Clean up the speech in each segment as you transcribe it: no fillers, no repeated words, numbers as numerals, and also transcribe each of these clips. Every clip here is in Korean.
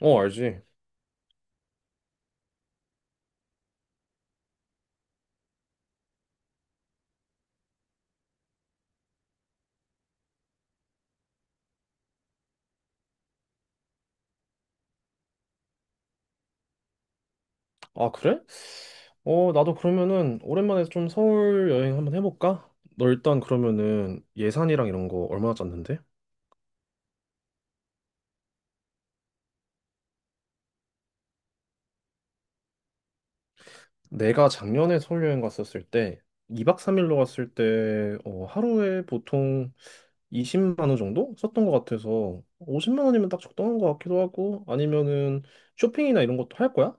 어, 알지. 아, 그래? 어, 나도 그러면은 오랜만에 좀 서울 여행 한번 해볼까? 너 일단 그러면은 예산이랑 이런 거 얼마나 짰는데? 내가 작년에 서울 여행 갔었을 때 2박 3일로 갔을 때 하루에 보통 20만 원 정도 썼던 것 같아서 50만 원이면 딱 적당한 것 같기도 하고 아니면은 쇼핑이나 이런 것도 할 거야?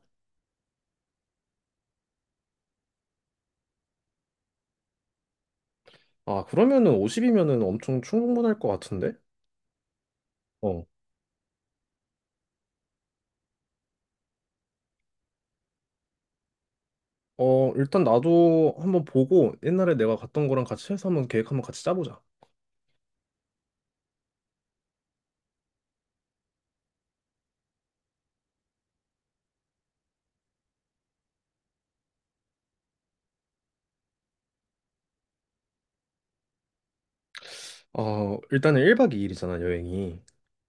아, 그러면은 50이면은 엄청 충분할 것 같은데? 어. 어, 일단 나도 한번 보고 옛날에 내가 갔던 거랑 같이 해서 한번 계획 한번 같이 짜보자. 어, 일단은 1박 2일이잖아, 여행이.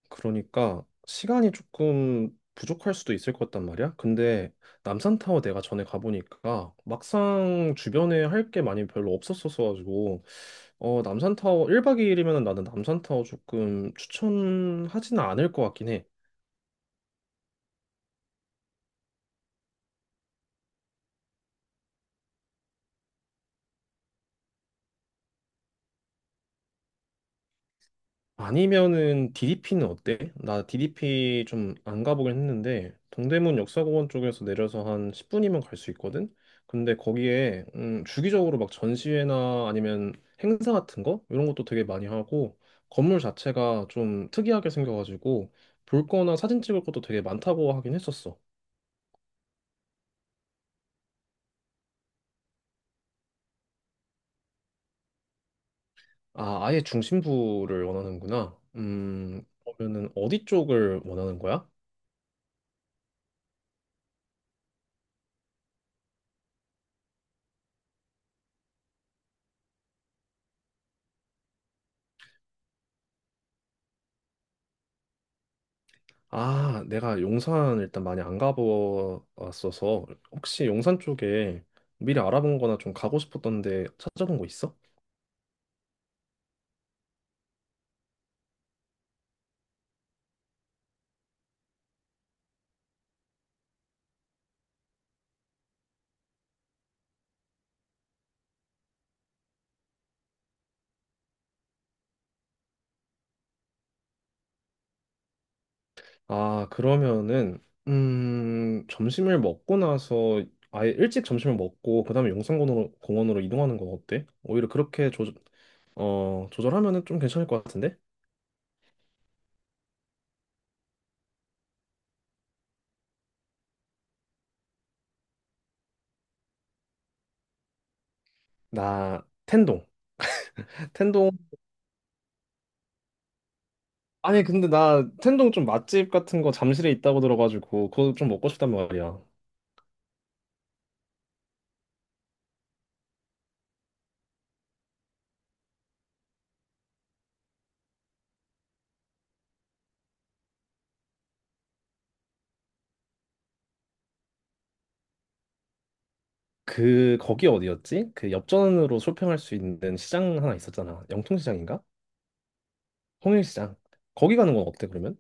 그러니까 시간이 조금 부족할 수도 있을 것 같단 말이야. 근데 남산타워 내가 전에 가보니까 막상 주변에 할 게 많이 별로 없었어가지고 남산타워 1박 2일이면 나는 남산타워 조금 추천하지는 않을 것 같긴 해. 아니면은 DDP는 어때? 나 DDP 좀 안 가보긴 했는데 동대문 역사공원 쪽에서 내려서 한 10분이면 갈 수 있거든? 근데 거기에 주기적으로 막 전시회나 아니면 행사 같은 거 이런 것도 되게 많이 하고 건물 자체가 좀 특이하게 생겨가지고 볼 거나 사진 찍을 것도 되게 많다고 하긴 했었어. 아, 아예 중심부를 원하는구나. 그러면은 어디 쪽을 원하는 거야? 아, 내가 용산 일단 많이 안 가보았어서 혹시 용산 쪽에 미리 알아본 거나 좀 가고 싶었던데 찾아본 거 있어? 아, 그러면은 점심을 먹고 나서 아예 일찍 점심을 먹고 그다음에 용산공원으로 공원으로 이동하는 거 어때? 오히려 그렇게 조절하면은 좀 괜찮을 것 같은데? 나 텐동. 텐동 아니 근데 나 텐동 좀 맛집 같은 거 잠실에 있다고 들어가지고 그거 좀 먹고 싶단 말이야. 그 거기 어디였지? 그 엽전으로 쇼핑할 수 있는 시장 하나 있었잖아. 영통시장인가? 홍일시장. 거기 가는 건 어때 그러면?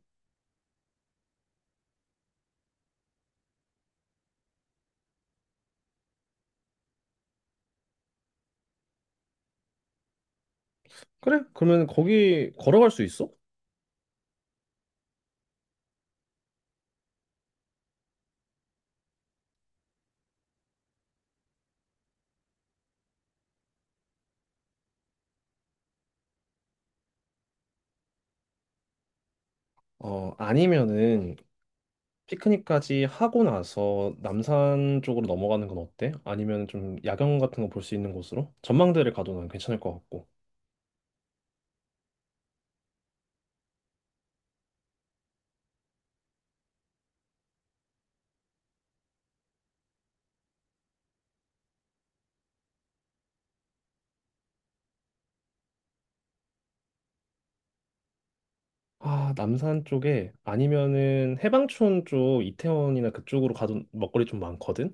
그래? 그러면 거기 걸어갈 수 있어? 어 아니면은 피크닉까지 하고 나서 남산 쪽으로 넘어가는 건 어때? 아니면 좀 야경 같은 거 볼 수 있는 곳으로? 전망대를 가도 난 괜찮을 것 같고. 아 남산 쪽에 아니면은 해방촌 쪽 이태원이나 그쪽으로 가도 먹거리 좀 많거든.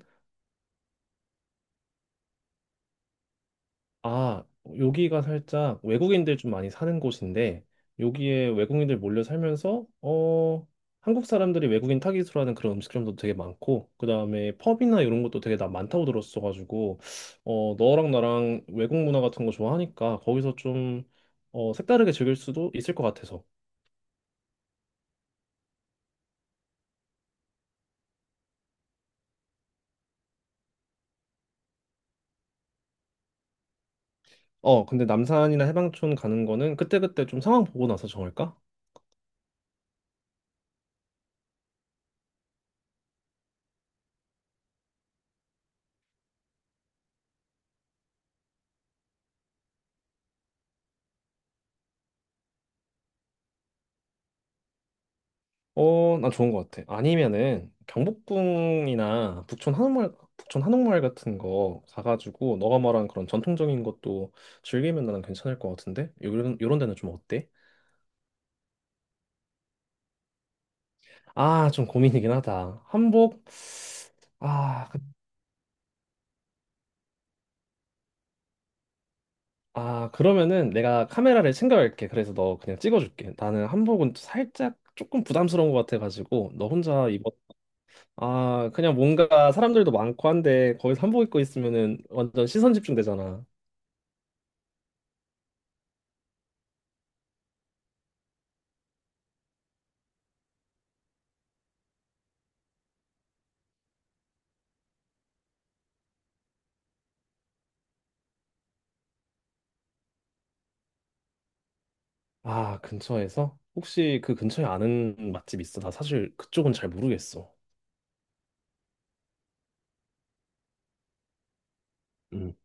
아, 여기가 살짝 외국인들 좀 많이 사는 곳인데, 여기에 외국인들 몰려 살면서, 한국 사람들이 외국인 타깃으로 하는 그런 음식점도 되게 많고, 그 다음에 펍이나 이런 것도 되게 나 많다고 들었어가지고, 너랑 나랑 외국 문화 같은 거 좋아하니까, 거기서 색다르게 즐길 수도 있을 것 같아서. 어, 근데 남산이나 해방촌 가는 거는 그때그때 좀 상황 보고 나서 정할까? 어, 나 좋은 것 같아. 아니면은 경복궁이나 북촌 한옥마을 같은 거 가가지고 너가 말한 그런 전통적인 것도 즐기면 나는 괜찮을 것 같은데? 요런 데는 좀 어때? 아, 좀 고민이긴 하다. 한복? 아, 그- 아, 그러면은 내가 카메라를 챙겨갈게. 그래서 너 그냥 찍어줄게. 나는 한복은 살짝 조금 부담스러운 것 같아가지고 너 혼자 입었 아, 그냥 뭔가 사람들도 많고 한데 거기서 한복 입고 있으면은 완전 시선 집중되잖아. 아, 근처에서? 혹시 그 근처에 아는 맛집 있어? 나 사실 그쪽은 잘 모르겠어. 음.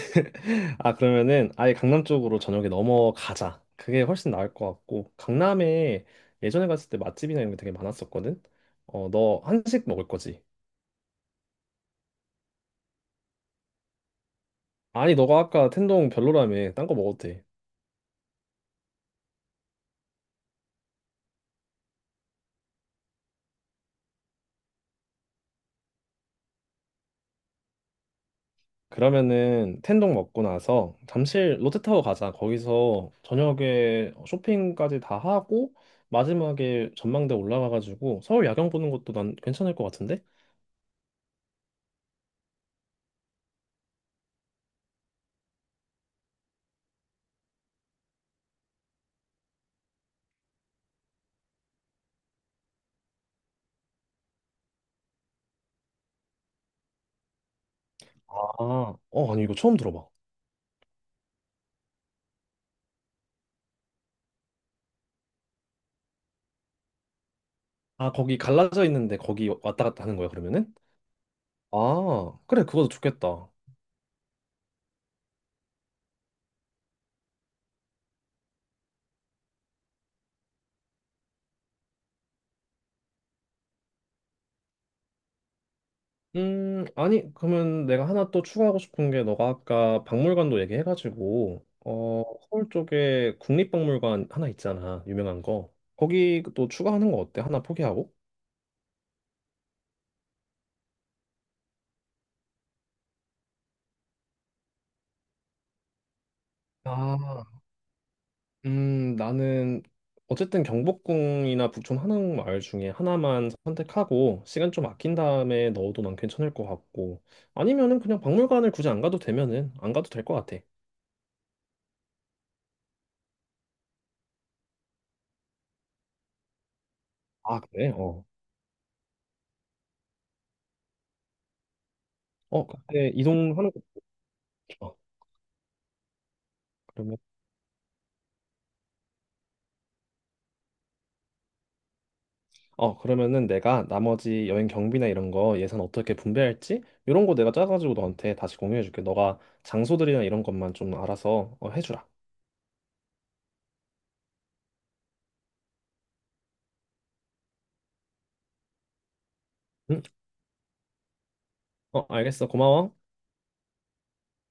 아, 그러면은 아예 강남 쪽으로 저녁에 넘어가자. 그게 훨씬 나을 것 같고, 강남에 예전에 갔을 때 맛집이나 이런 게 되게 많았었거든? 어, 너 한식 먹을 거지? 아니, 너가 아까 텐동 별로라며. 딴 거 먹어도 돼. 그러면은 텐동 먹고 나서 잠실 롯데타워 가자. 거기서 저녁에 쇼핑까지 다 하고 마지막에 전망대 올라가가지고 서울 야경 보는 것도 난 괜찮을 것 같은데? 아, 아니 이거 처음 들어봐. 아, 거기 갈라져 있는데 거기 왔다 갔다 하는 거야, 그러면은? 아, 그래, 그것도 좋겠다. 아니, 그러면 내가 하나 또 추가하고 싶은 게 너가 아까 박물관도 얘기해가지고, 서울 쪽에 국립박물관 하나 있잖아, 유명한 거. 거기 또 추가하는 거 어때? 하나 포기하고? 아, 나는 어쨌든 경복궁이나 북촌 한옥마을 중에 하나만 선택하고 시간 좀 아낀 다음에 넣어도 난 괜찮을 것 같고 아니면은 그냥 박물관을 굳이 안 가도 되면은 안 가도 될 것 같아. 아, 그래? 어. 어, 그때 이동하는 거 좋아. 어, 그러면은 내가 나머지 여행 경비나 이런 거 예산 어떻게 분배할지 이런 거 내가 짜가지고 너한테 다시 공유해줄게. 너가 장소들이나 이런 것만 좀 알아서 해주라. 응? 어, 알겠어. 고마워.